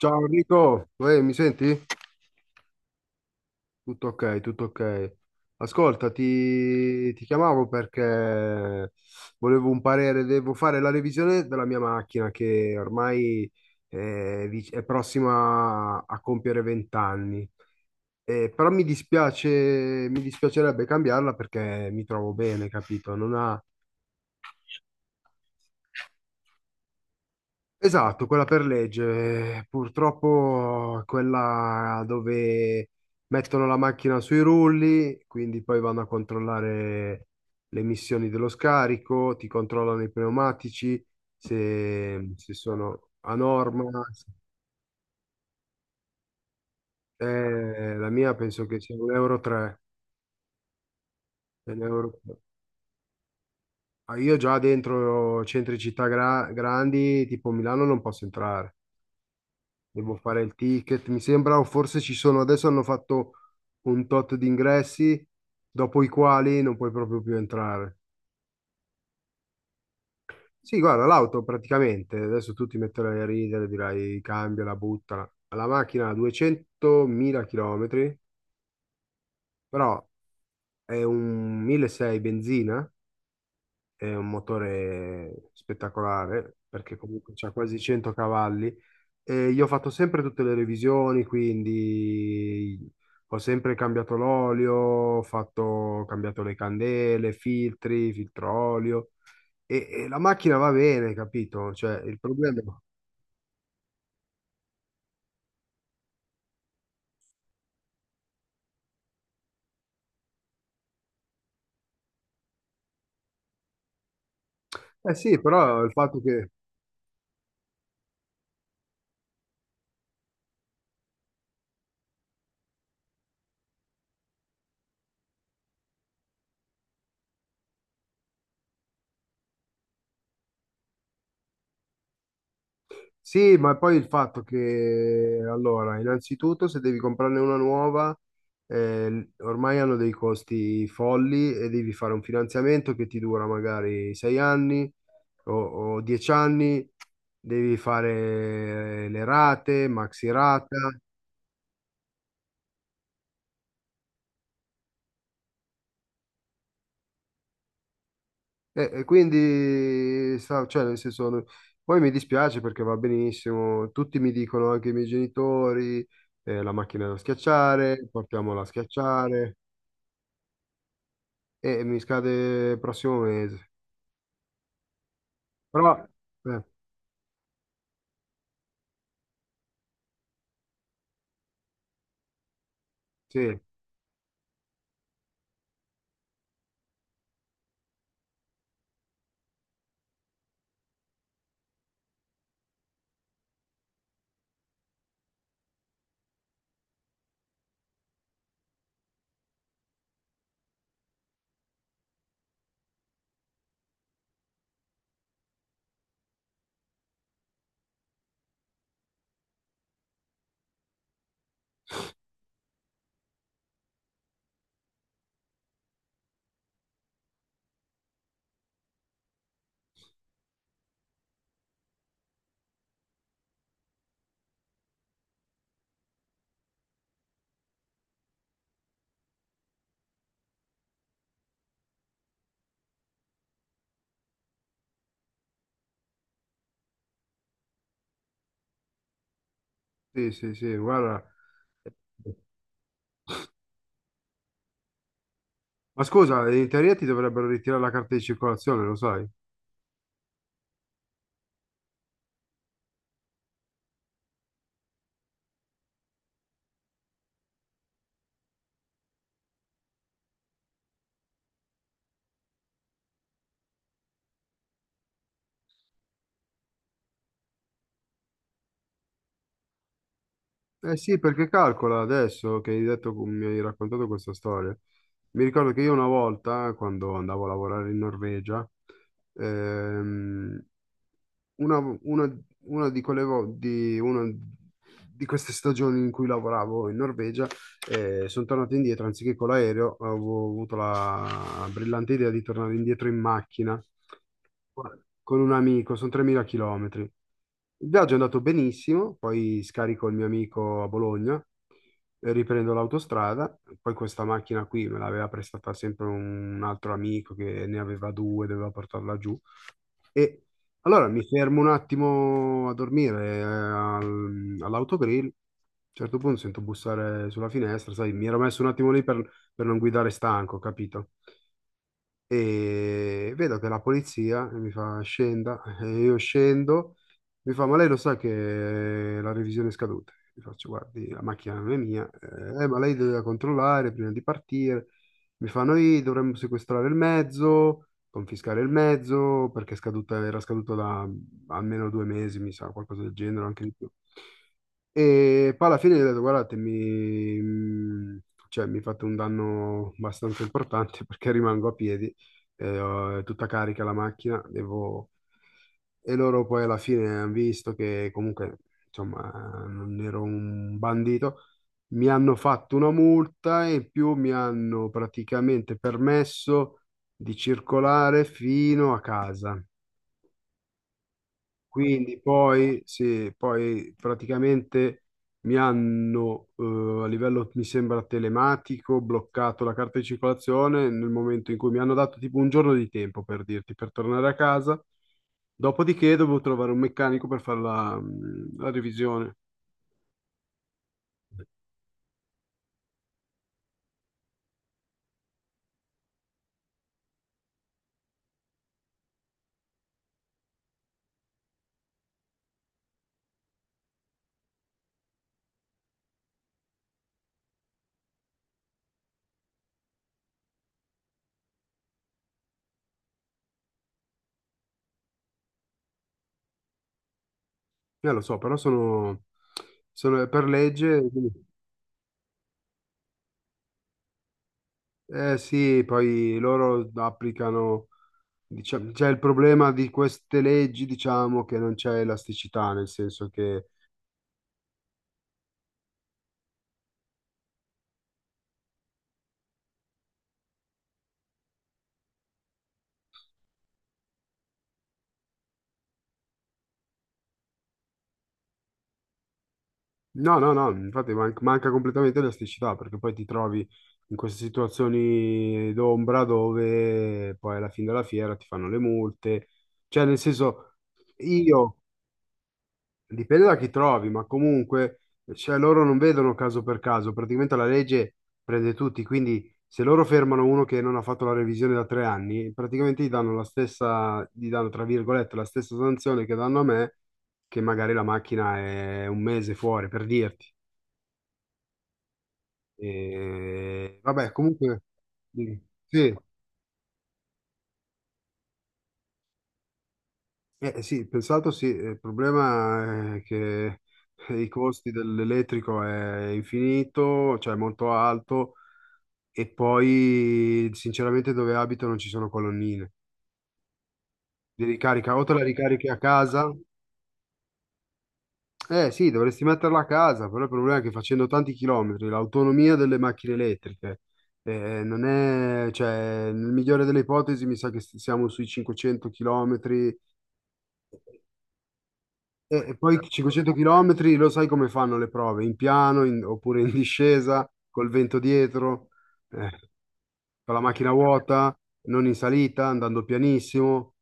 Ciao Enrico, uè, mi senti? Tutto ok, tutto ok. Ascolta, ti chiamavo perché volevo un parere. Devo fare la revisione della mia macchina che ormai è prossima a compiere 20 anni. Però mi dispiace, mi dispiacerebbe cambiarla perché mi trovo bene, capito? Esatto, quella per legge. Purtroppo quella dove mettono la macchina sui rulli, quindi poi vanno a controllare le emissioni dello scarico, ti controllano i pneumatici, se sono a norma. La mia penso che sia un euro 3. Un euro- tre. Ah, io già dentro centri città grandi, tipo Milano, non posso entrare. Devo fare il ticket, mi sembra, o forse ci sono, adesso hanno fatto un tot di ingressi, dopo i quali non puoi proprio più entrare. Sì, guarda, l'auto praticamente, adesso tu ti metterai a ridere, dirai cambiala, buttala. La macchina ha 200.000 km, però è un 1.600 benzina, è un motore spettacolare, perché comunque c'ha quasi 100 cavalli. E io ho fatto sempre tutte le revisioni, quindi ho sempre cambiato l'olio, ho cambiato le candele, filtri, filtro olio e la macchina va bene, capito? Cioè, il problema... Eh sì, però il fatto che... Sì, ma poi il fatto che, allora, innanzitutto se devi comprarne una nuova, ormai hanno dei costi folli e devi fare un finanziamento che ti dura magari 6 anni o 10 anni. Devi fare le rate, maxi rata, e quindi, cioè, nel senso, poi mi dispiace perché va benissimo, tutti mi dicono, anche i miei genitori, la macchina da schiacciare, portiamola a schiacciare. E mi scade il prossimo mese. Però, eh, sì, sì, sì, sì, guarda. Ma scusa, in teoria ti dovrebbero ritirare la carta di circolazione, lo sai? Eh sì, perché calcola adesso che hai detto, mi hai raccontato questa storia. Mi ricordo che io una volta, quando andavo a lavorare in Norvegia, ehm, una di quelle vo- di, una di queste stagioni in cui lavoravo in Norvegia, sono tornato indietro, anziché con l'aereo. Avevo avuto la brillante idea di tornare indietro in macchina con un amico, sono 3.000 km. Il viaggio è andato benissimo, poi scarico il mio amico a Bologna, riprendo l'autostrada. Poi questa macchina qui me l'aveva prestata sempre un altro amico che ne aveva due, doveva portarla giù e allora mi fermo un attimo a dormire all'autogrill. A un certo punto sento bussare sulla finestra, sai, mi ero messo un attimo lì per non guidare stanco, capito? E vedo che la polizia mi fa scenda, e io scendo, mi fa ma lei lo sa che la revisione è scaduta? Mi faccio guardi, la macchina non è mia, ma lei doveva controllare prima di partire, mi fa noi dovremmo sequestrare il mezzo, confiscare il mezzo perché è scaduta, era scaduto da almeno 2 mesi, mi sa, qualcosa del genere, anche di più. E poi alla fine gli ho detto, guardate, cioè, mi fate un danno abbastanza importante perché rimango a piedi è tutta carica la macchina, devo... E loro poi alla fine hanno visto che comunque, insomma, non ero un bandito, mi hanno fatto una multa e in più mi hanno praticamente permesso di circolare fino a casa. Quindi poi, sì, poi praticamente mi hanno a livello, mi sembra, telematico, bloccato la carta di circolazione nel momento in cui mi hanno dato tipo un giorno di tempo per dirti, per tornare a casa. Dopodiché dovevo trovare un meccanico per fare la, la revisione. Lo so, però sono per legge, Eh sì, poi loro applicano. Diciamo, c'è il problema di queste leggi, diciamo, che non c'è elasticità, nel senso che... No, no, no, infatti manca completamente elasticità, perché poi ti trovi in queste situazioni d'ombra dove poi alla fine della fiera ti fanno le multe. Cioè, nel senso, sì. Io... Dipende da chi trovi, ma comunque, cioè, loro non vedono caso per caso, praticamente la legge prende tutti, quindi se loro fermano uno che non ha fatto la revisione da 3 anni, praticamente gli danno la stessa, gli danno, tra virgolette, la stessa sanzione che danno a me, che magari la macchina è un mese fuori, per dirti. E, vabbè, comunque, sì, sì, sì, pensato sì, il problema è che i costi dell'elettrico è infinito, cioè molto alto. E poi, sinceramente, dove abito non ci sono colonnine di ricarica. O te la ricarichi a casa? Eh sì, dovresti metterla a casa, però il problema è che facendo tanti chilometri, l'autonomia delle macchine elettriche, non è, cioè, nel migliore delle ipotesi mi sa che siamo sui 500 chilometri. E poi 500 chilometri lo sai come fanno le prove, in piano oppure in discesa, col vento dietro, eh, con la macchina vuota, non in salita, andando pianissimo.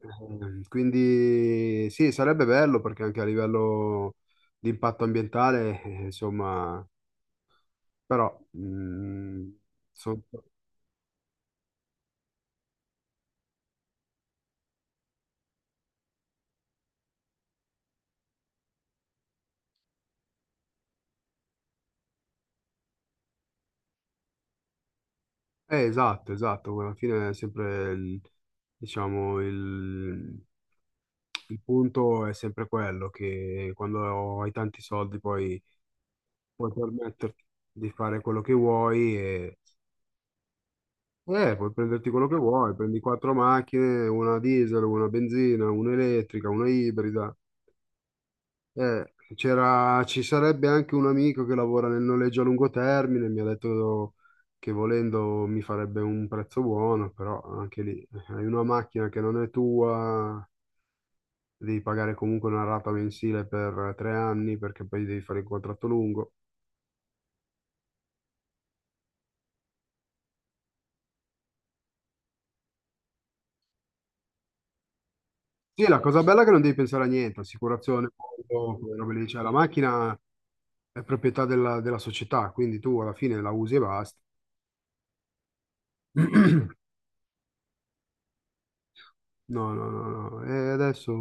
Quindi sì, sarebbe bello perché anche a livello di impatto ambientale, insomma, però so- esatto, esatto, alla fine è sempre diciamo il, il punto è sempre quello che quando hai tanti soldi poi puoi permetterti di fare quello che vuoi e puoi prenderti quello che vuoi, prendi quattro macchine, una diesel, una benzina, una elettrica, una ibrida. Ci sarebbe anche un amico che lavora nel noleggio a lungo termine, mi ha detto che volendo mi farebbe un prezzo buono, però anche lì hai una macchina che non è tua, devi pagare comunque una rata mensile per 3 anni perché poi devi fare il contratto lungo. Sì, la cosa bella è che non devi pensare a niente, assicurazione, conto, quelle robe lì, cioè la macchina è proprietà della società, quindi tu alla fine la usi e basta. No, no, no, no. E adesso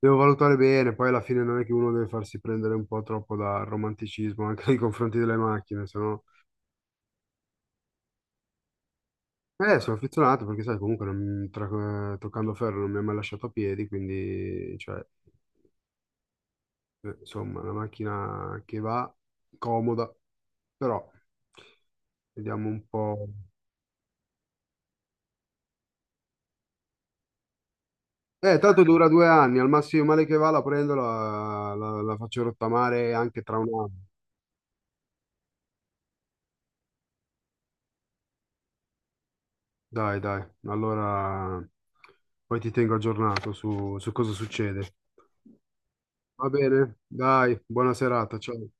devo valutare bene, poi alla fine non è che uno deve farsi prendere un po' troppo dal romanticismo anche nei confronti delle macchine, se no... sono affezionato perché sai, comunque toccando ferro non mi ha mai lasciato a piedi, quindi, cioè, insomma, una macchina che va comoda, però vediamo un po'. Tanto dura 2 anni, al massimo male che va la prendo, la faccio rottamare anche tra un anno. Dai, dai, allora poi ti tengo aggiornato su cosa succede. Va bene, dai, buona serata, ciao.